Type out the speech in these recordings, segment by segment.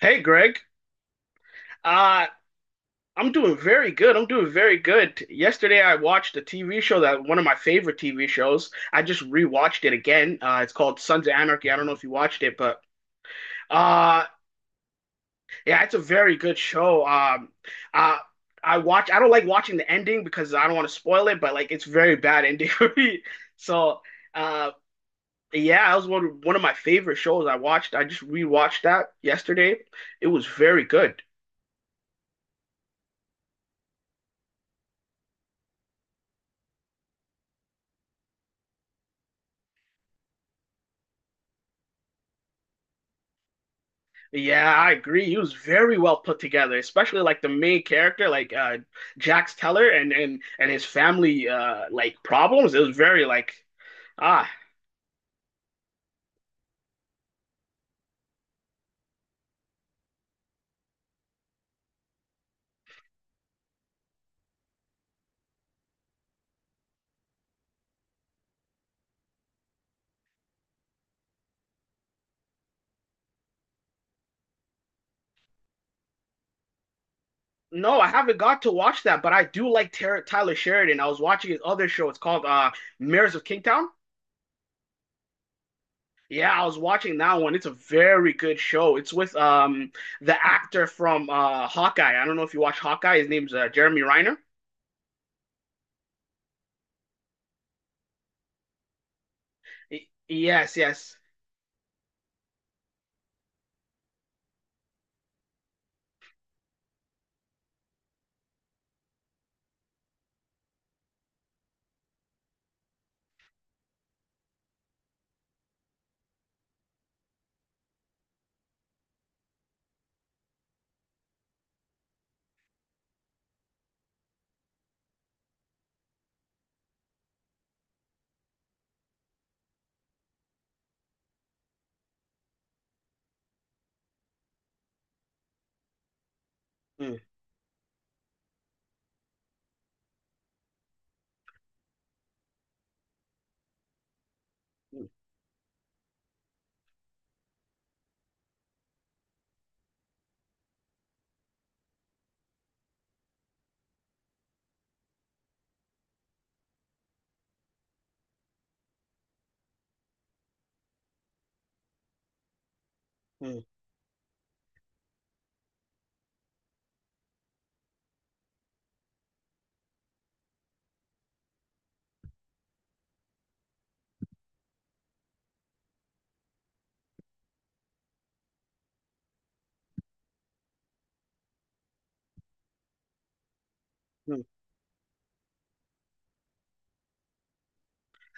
Hey, Greg. Uh, I'm doing very good. I'm doing very good. Yesterday, I watched a TV show that one of my favorite TV shows. I just rewatched it again. It's called Sons of Anarchy. I don't know if you watched it, but uh, yeah, it's a very good show. Uh, I watch. I don't like watching the ending because I don't want to spoil it, but like it's very bad ending for me. So, uh, yeah, that was one of my favorite shows I watched. I just rewatched that yesterday. It was very good. Yeah, I agree. He was very well put together, especially like the main character, like Jax Teller and and his family like problems. It was very like ah no, I haven't got to watch that, but I do like Tyler Sheridan. I was watching his other show. It's called Mirrors of Kingstown. Yeah, I was watching that one. It's a very good show. It's with the actor from Hawkeye. I don't know if you watch Hawkeye. His name's Jeremy Renner. Yes, yes. Mm, mm, mm, mm.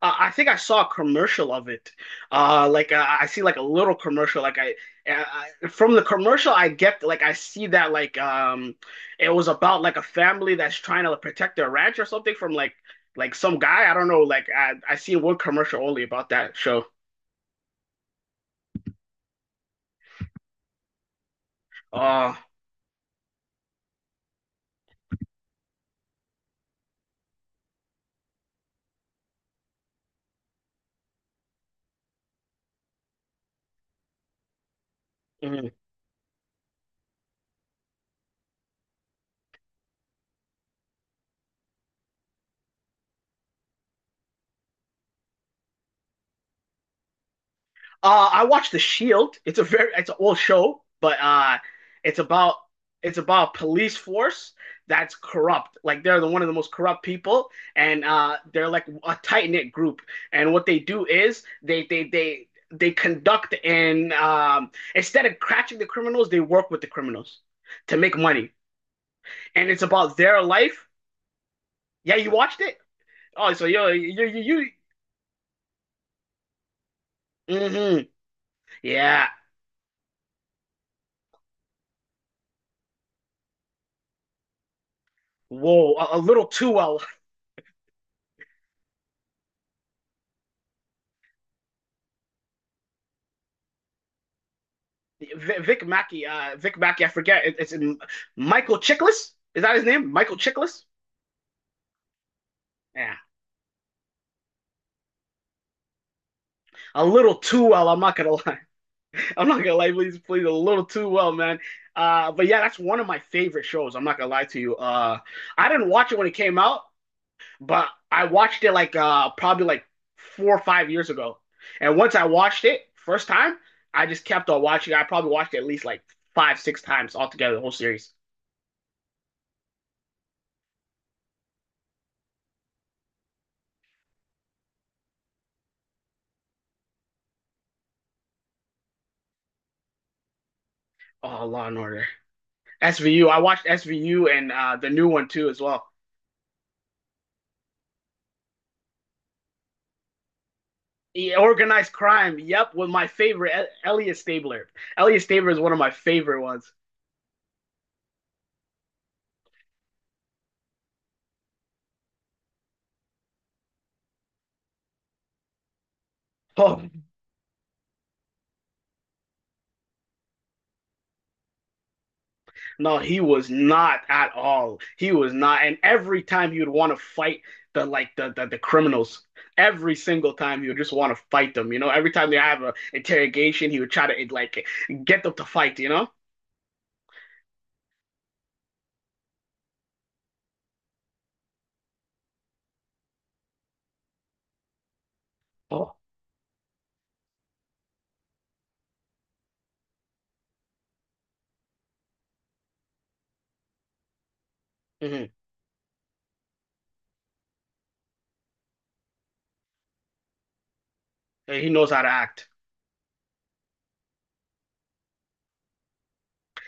I think I saw a commercial of it. I see like a little commercial. Uh, I from the commercial, I get like I see that like it was about like a family that's trying to protect their ranch or something from like some guy. I don't know. Like I seen one commercial only about that show. Uh, I watched The Shield. It's a very it's an old show, but it's about it's about police force that's corrupt. Like they're the one of the most corrupt people, and they're like a tight knit group. And what they do is they conduct and instead of catching the criminals, they work with the criminals to make money. And it's about their life. Yeah, you watched it? Oh, so yo, you you you. Hmm. Yeah. Whoa, a little too well. Vic Mackey, I forget. It, it's in Michael Chiklis. Is that his name? Michael Chiklis. Yeah, a little too well. I'm not gonna lie. I'm not gonna lie. Please, please, a little too well, man. But yeah, that's one of my favorite shows. I'm not gonna lie to you. I didn't watch it when it came out, but I watched it like probably like 4 or 5 years ago. And once I watched it first time, I just kept on watching. I probably watched it at least like 5, 6 times altogether, the whole series. Oh, Law and Order. SVU. I watched SVU and the new one too as well. Yeah, organized crime. Yep, with my favorite Elliot Stabler. Elliot Stabler is one of my favorite ones. Oh no, he was not at all. He was not. And every time he would want to fight the like the criminals. Every single time he would just want to fight them. You know, every time they have a interrogation, he would try to like get them to fight. You know. Oh, hmm, he knows how to act.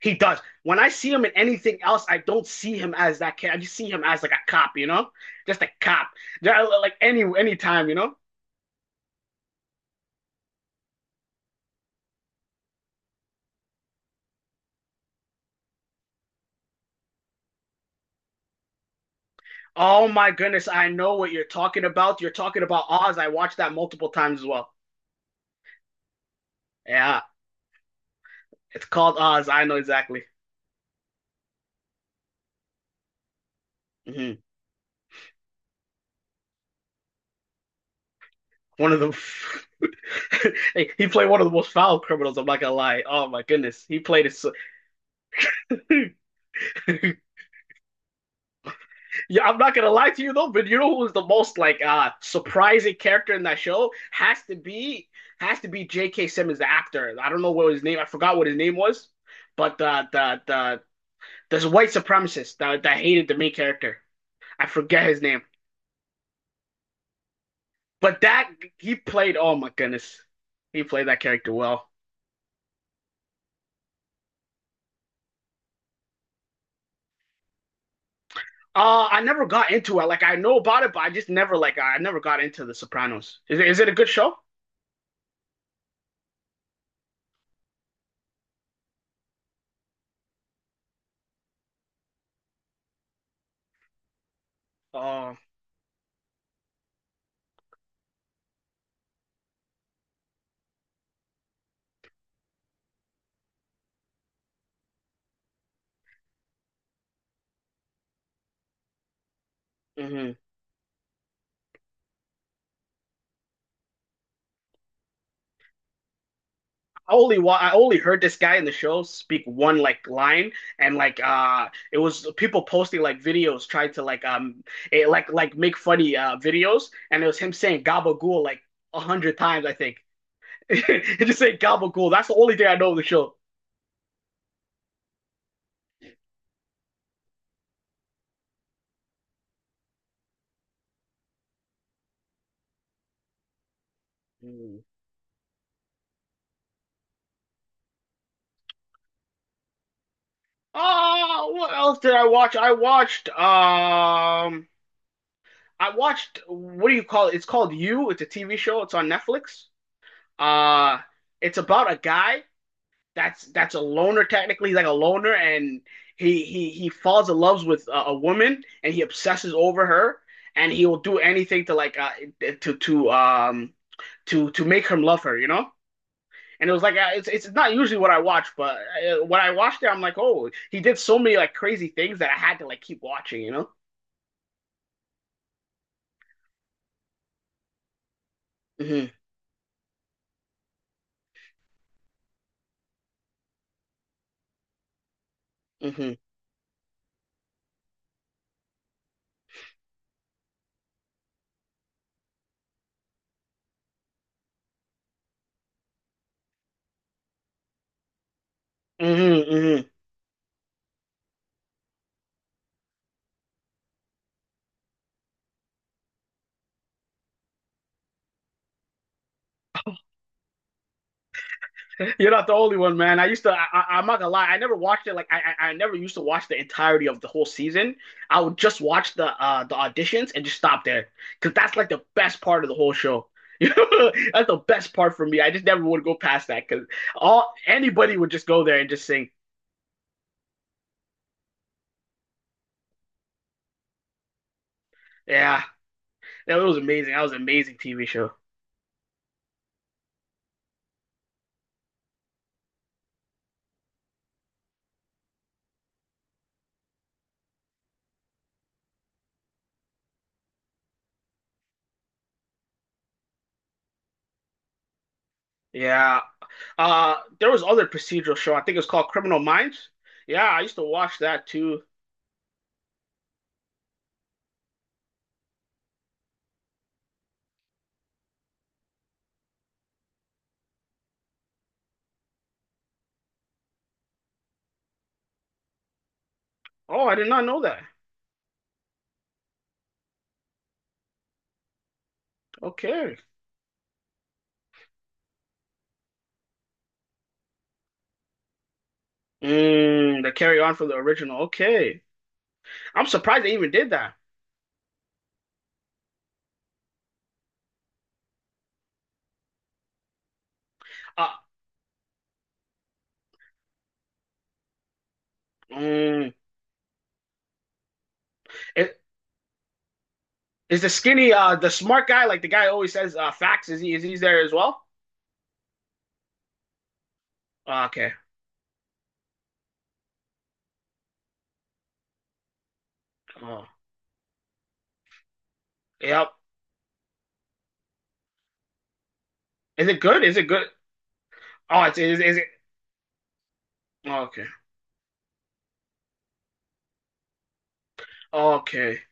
He does. When I see him in anything else, I don't see him as that kid. I just see him as like a cop, you know, just a cop. Yeah, like any time, you know. Oh my goodness, I know what you're talking about. You're talking about Oz. I watched that multiple times as well. Yeah, it's called Oz. I know exactly. Hmm. One of the hey, he played one of the most foul criminals. I'm not gonna lie. Oh my goodness, he played it so. Yeah, I'm not gonna lie to you though, but you know who was the most like surprising character in that show has to be J.K. Simmons, the actor. I don't know what his name. I forgot what his name was, but the this white supremacist that hated the main character. I forget his name, but that he played. Oh my goodness, he played that character well. I never got into it. Like I know about it, but I just never like I never got into The Sopranos. Is it a good show? Uh, mhm. I only heard this guy in the show speak one like line and like it was people posting like videos trying to like like make funny videos and it was him saying gabagool like 100 times I think. He just saying gabagool, that's the only thing I know of the show. Mm. Oh, what else did I watch? I watched, what do you call it? It's called You. It's a TV show. It's on Netflix. Uh it's about a guy that's a loner technically. He's like a loner, and he falls in love with a woman, and he obsesses over her, and he will do anything to like to to um to make her love her, you know. And it was like it's not usually what I watch, but when I watched it, I'm like, oh, he did so many like crazy things that I had to like keep watching, you know. Hmm, hmm, hmm, hmm. You're not the only one, man. I used to. I am not gonna lie. I never watched it. Like I never used to watch the entirety of the whole season. I would just watch the auditions and just stop there because that's like the best part of the whole show. That's the best part for me. I just never would go past that because all anybody would just go there and just sing. Yeah, that was amazing. That was an amazing TV show. Yeah. There was other procedural show. I think it was called Criminal Minds. Yeah, I used to watch that too. Oh, I did not know that. Okay. Mm, the carry on from the original. Okay. I'm surprised they even did that. Uh, mm, it, is the skinny, the smart guy, like the guy always says, facts, is he there as well? Okay. Oh, yep. Is it good? Is it good? Is it? Oh, okay. Okay.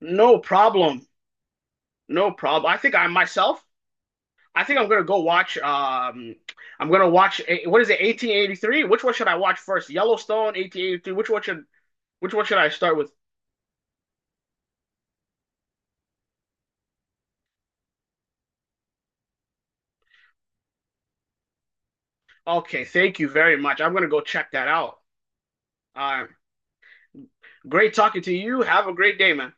No problem. No problem. I think I'm gonna go watch, I'm gonna watch, eh, what is it, 1883? Which one should I watch first? Yellowstone, 1883. Which one should I start with? Okay, thank you very much. I'm gonna go check that out. Uh, great talking to you. Have a great day, man.